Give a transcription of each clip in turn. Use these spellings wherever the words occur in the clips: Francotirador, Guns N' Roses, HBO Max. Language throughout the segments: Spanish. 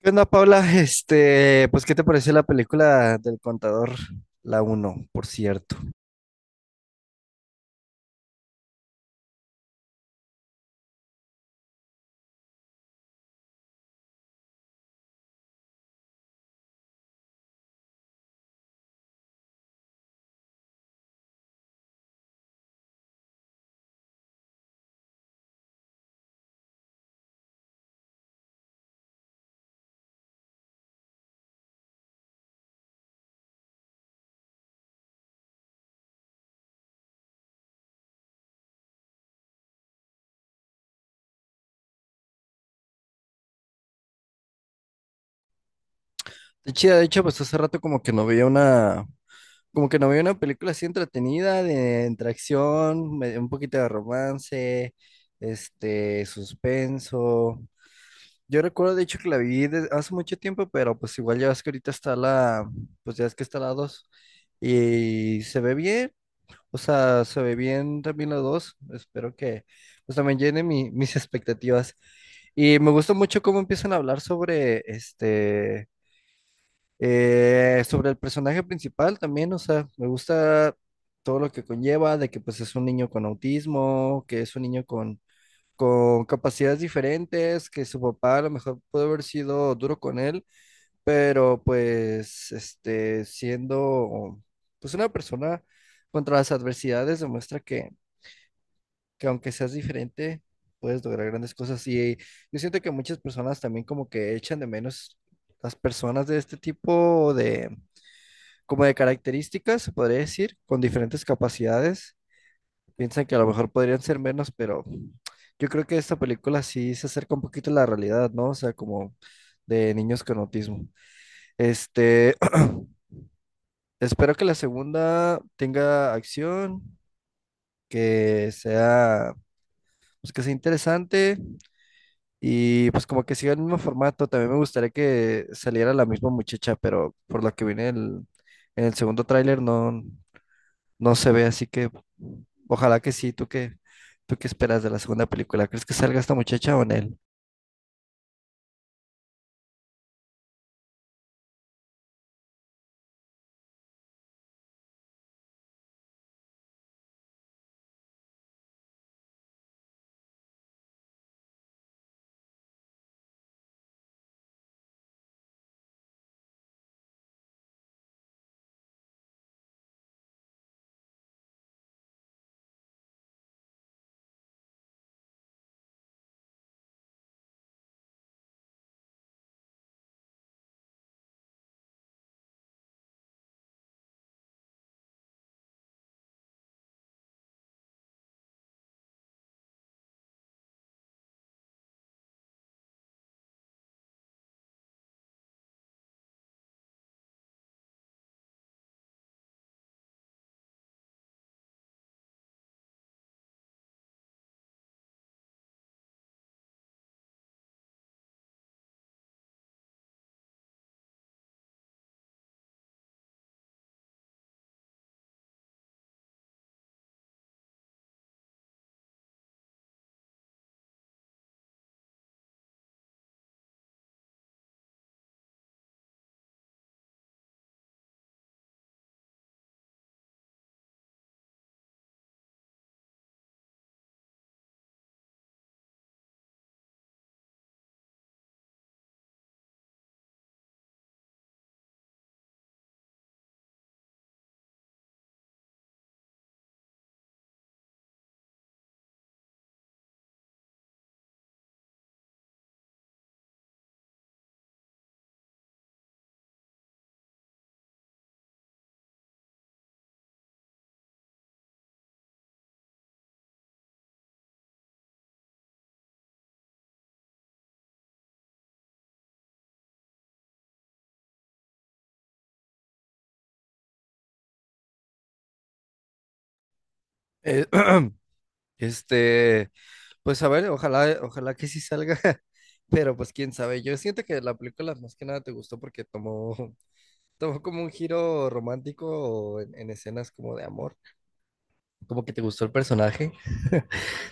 ¿Qué onda, Paula? ¿Qué te pareció la película del contador? La Uno, por cierto. De chida, de hecho, pues hace rato como que no veía una película así entretenida, de entre acción, un poquito de romance, suspenso. Yo recuerdo, de hecho, que la vi hace mucho tiempo, pero pues igual ya ves que pues ya es que está la 2 y se ve bien. O sea, se ve bien también los dos. Espero que pues también llene mis expectativas. Y me gusta mucho cómo empiezan a hablar sobre sobre el personaje principal también. O sea, me gusta todo lo que conlleva de que pues es un niño con autismo, que es un con capacidades diferentes, que su papá a lo mejor puede haber sido duro con él, pero pues este siendo pues una persona contra las adversidades demuestra que aunque seas diferente, puedes lograr grandes cosas. Y yo siento que muchas personas también como que echan de menos las personas de este tipo de, como de características, se podría decir, con diferentes capacidades. Piensan que a lo mejor podrían ser menos, pero yo creo que esta película sí se acerca un poquito a la realidad, ¿no? O sea, como de niños con autismo. Este, espero que la segunda tenga acción, que sea, pues que sea interesante. Y pues como que siga el mismo formato, también me gustaría que saliera la misma muchacha, pero por lo que vi en el segundo tráiler, no se ve, así que ojalá que sí. ¿Tú qué esperas de la segunda película? ¿Crees que salga esta muchacha o en él? Eh, este, pues a ver, ojalá que sí salga, pero pues quién sabe, yo siento que la película más que nada te gustó porque tomó, tomó como un giro romántico en escenas como de amor, como que te gustó el personaje.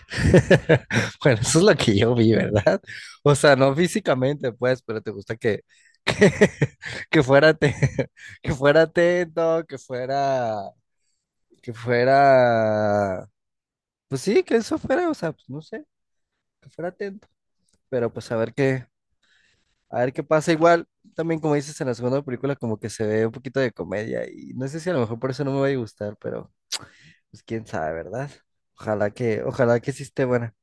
Bueno, eso es lo que yo vi, ¿verdad? O sea, no físicamente, pues, pero te gusta que, que fuera te- que fuera atento, que fuera, pues sí, que eso fuera, o sea, pues no sé, que fuera atento, pero pues a ver qué pasa. Igual, también como dices en la segunda película, como que se ve un poquito de comedia y no sé si a lo mejor por eso no me va a gustar, pero pues quién sabe, ¿verdad? Ojalá que sí esté buena.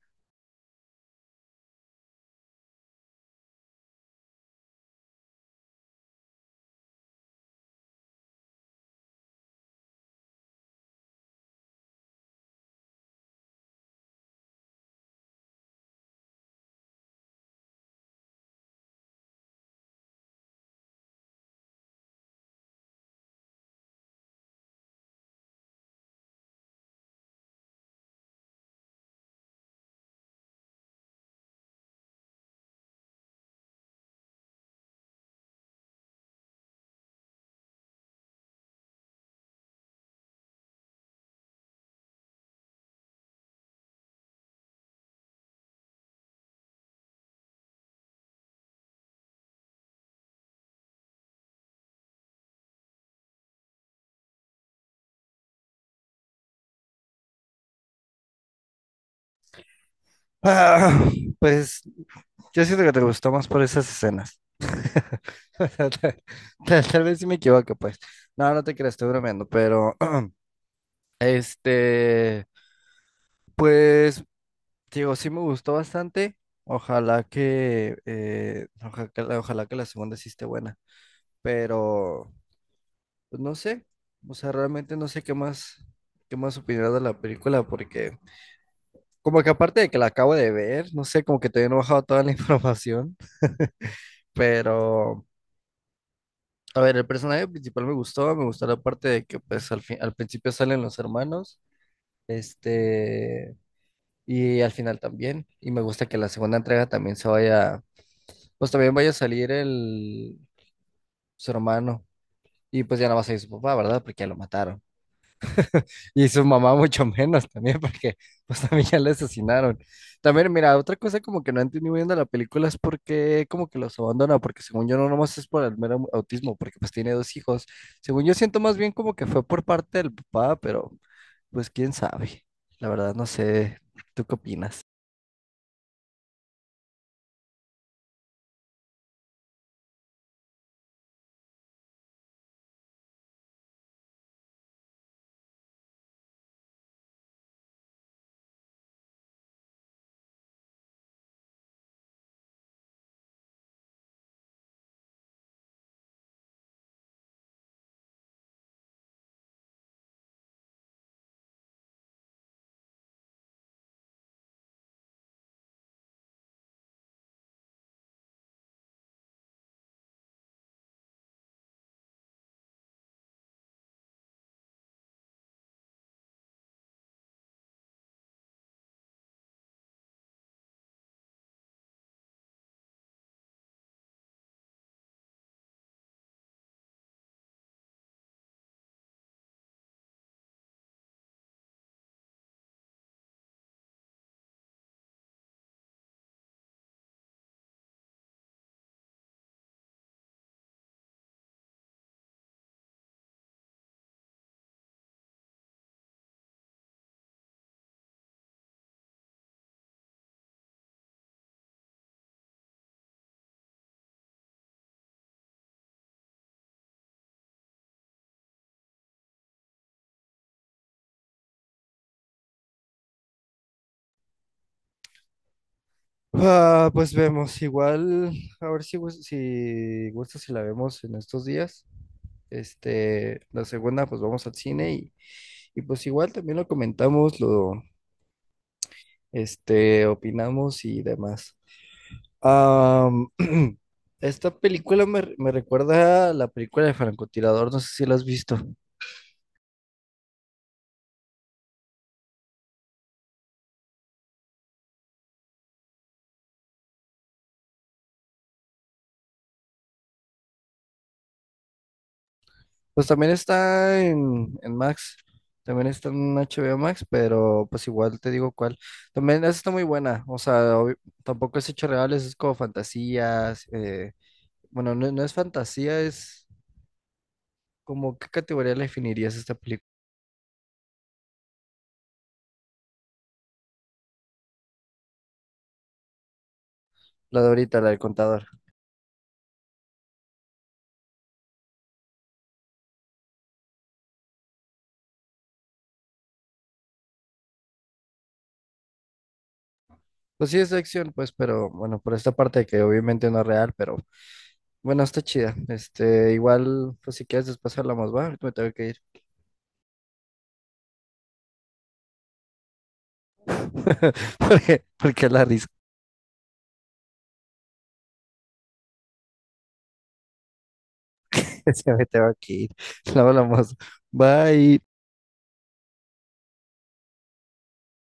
Ah, pues yo siento que te gustó más por esas escenas. Tal vez sí me equivoco, pues. No te creas, estoy bromeando, pero este, pues, digo, sí me gustó bastante. Ojalá que la segunda sí esté buena, pero pues, no sé, o sea, realmente no sé qué más opinar de la película, porque como que aparte de que la acabo de ver, no sé, como que todavía no he bajado toda la información, pero a ver, el personaje principal me gustó, la parte de que pues al principio salen los hermanos, este, y al final también, y me gusta que la segunda entrega también pues también vaya a salir su hermano, y pues ya no va a salir su papá, ¿verdad? Porque ya lo mataron. Y su mamá mucho menos también, porque pues también ya la asesinaron. También, mira, otra cosa como que no entendí muy bien de la película es por qué como que los abandona, porque según yo no nomás es por el mero autismo, porque pues tiene dos hijos. Según yo siento más bien como que fue por parte del papá, pero pues quién sabe. La verdad no sé, ¿tú qué opinas? Ah, pues vemos, igual, a ver si, gus- si gusta si la vemos en estos días. La segunda, pues vamos al cine y pues igual también lo comentamos, opinamos y demás. Am, esta película me recuerda a la película de Francotirador, no sé si la has visto. Pues también está en Max, también está en HBO Max, pero pues igual te digo cuál. También esa está muy buena, o sea, tampoco es hechos reales, es como fantasías. Bueno, no es fantasía, es como, ¿qué categoría le definirías esta película? La de ahorita, la del contador. Pues sí, es de acción, pues, pero bueno, por esta parte que obviamente no es real, pero bueno, está chida. Igual, pues si quieres después hablamos, va, ahorita me tengo que ir. Porque la risa se me tengo que ir. Luego hablamos. Bye.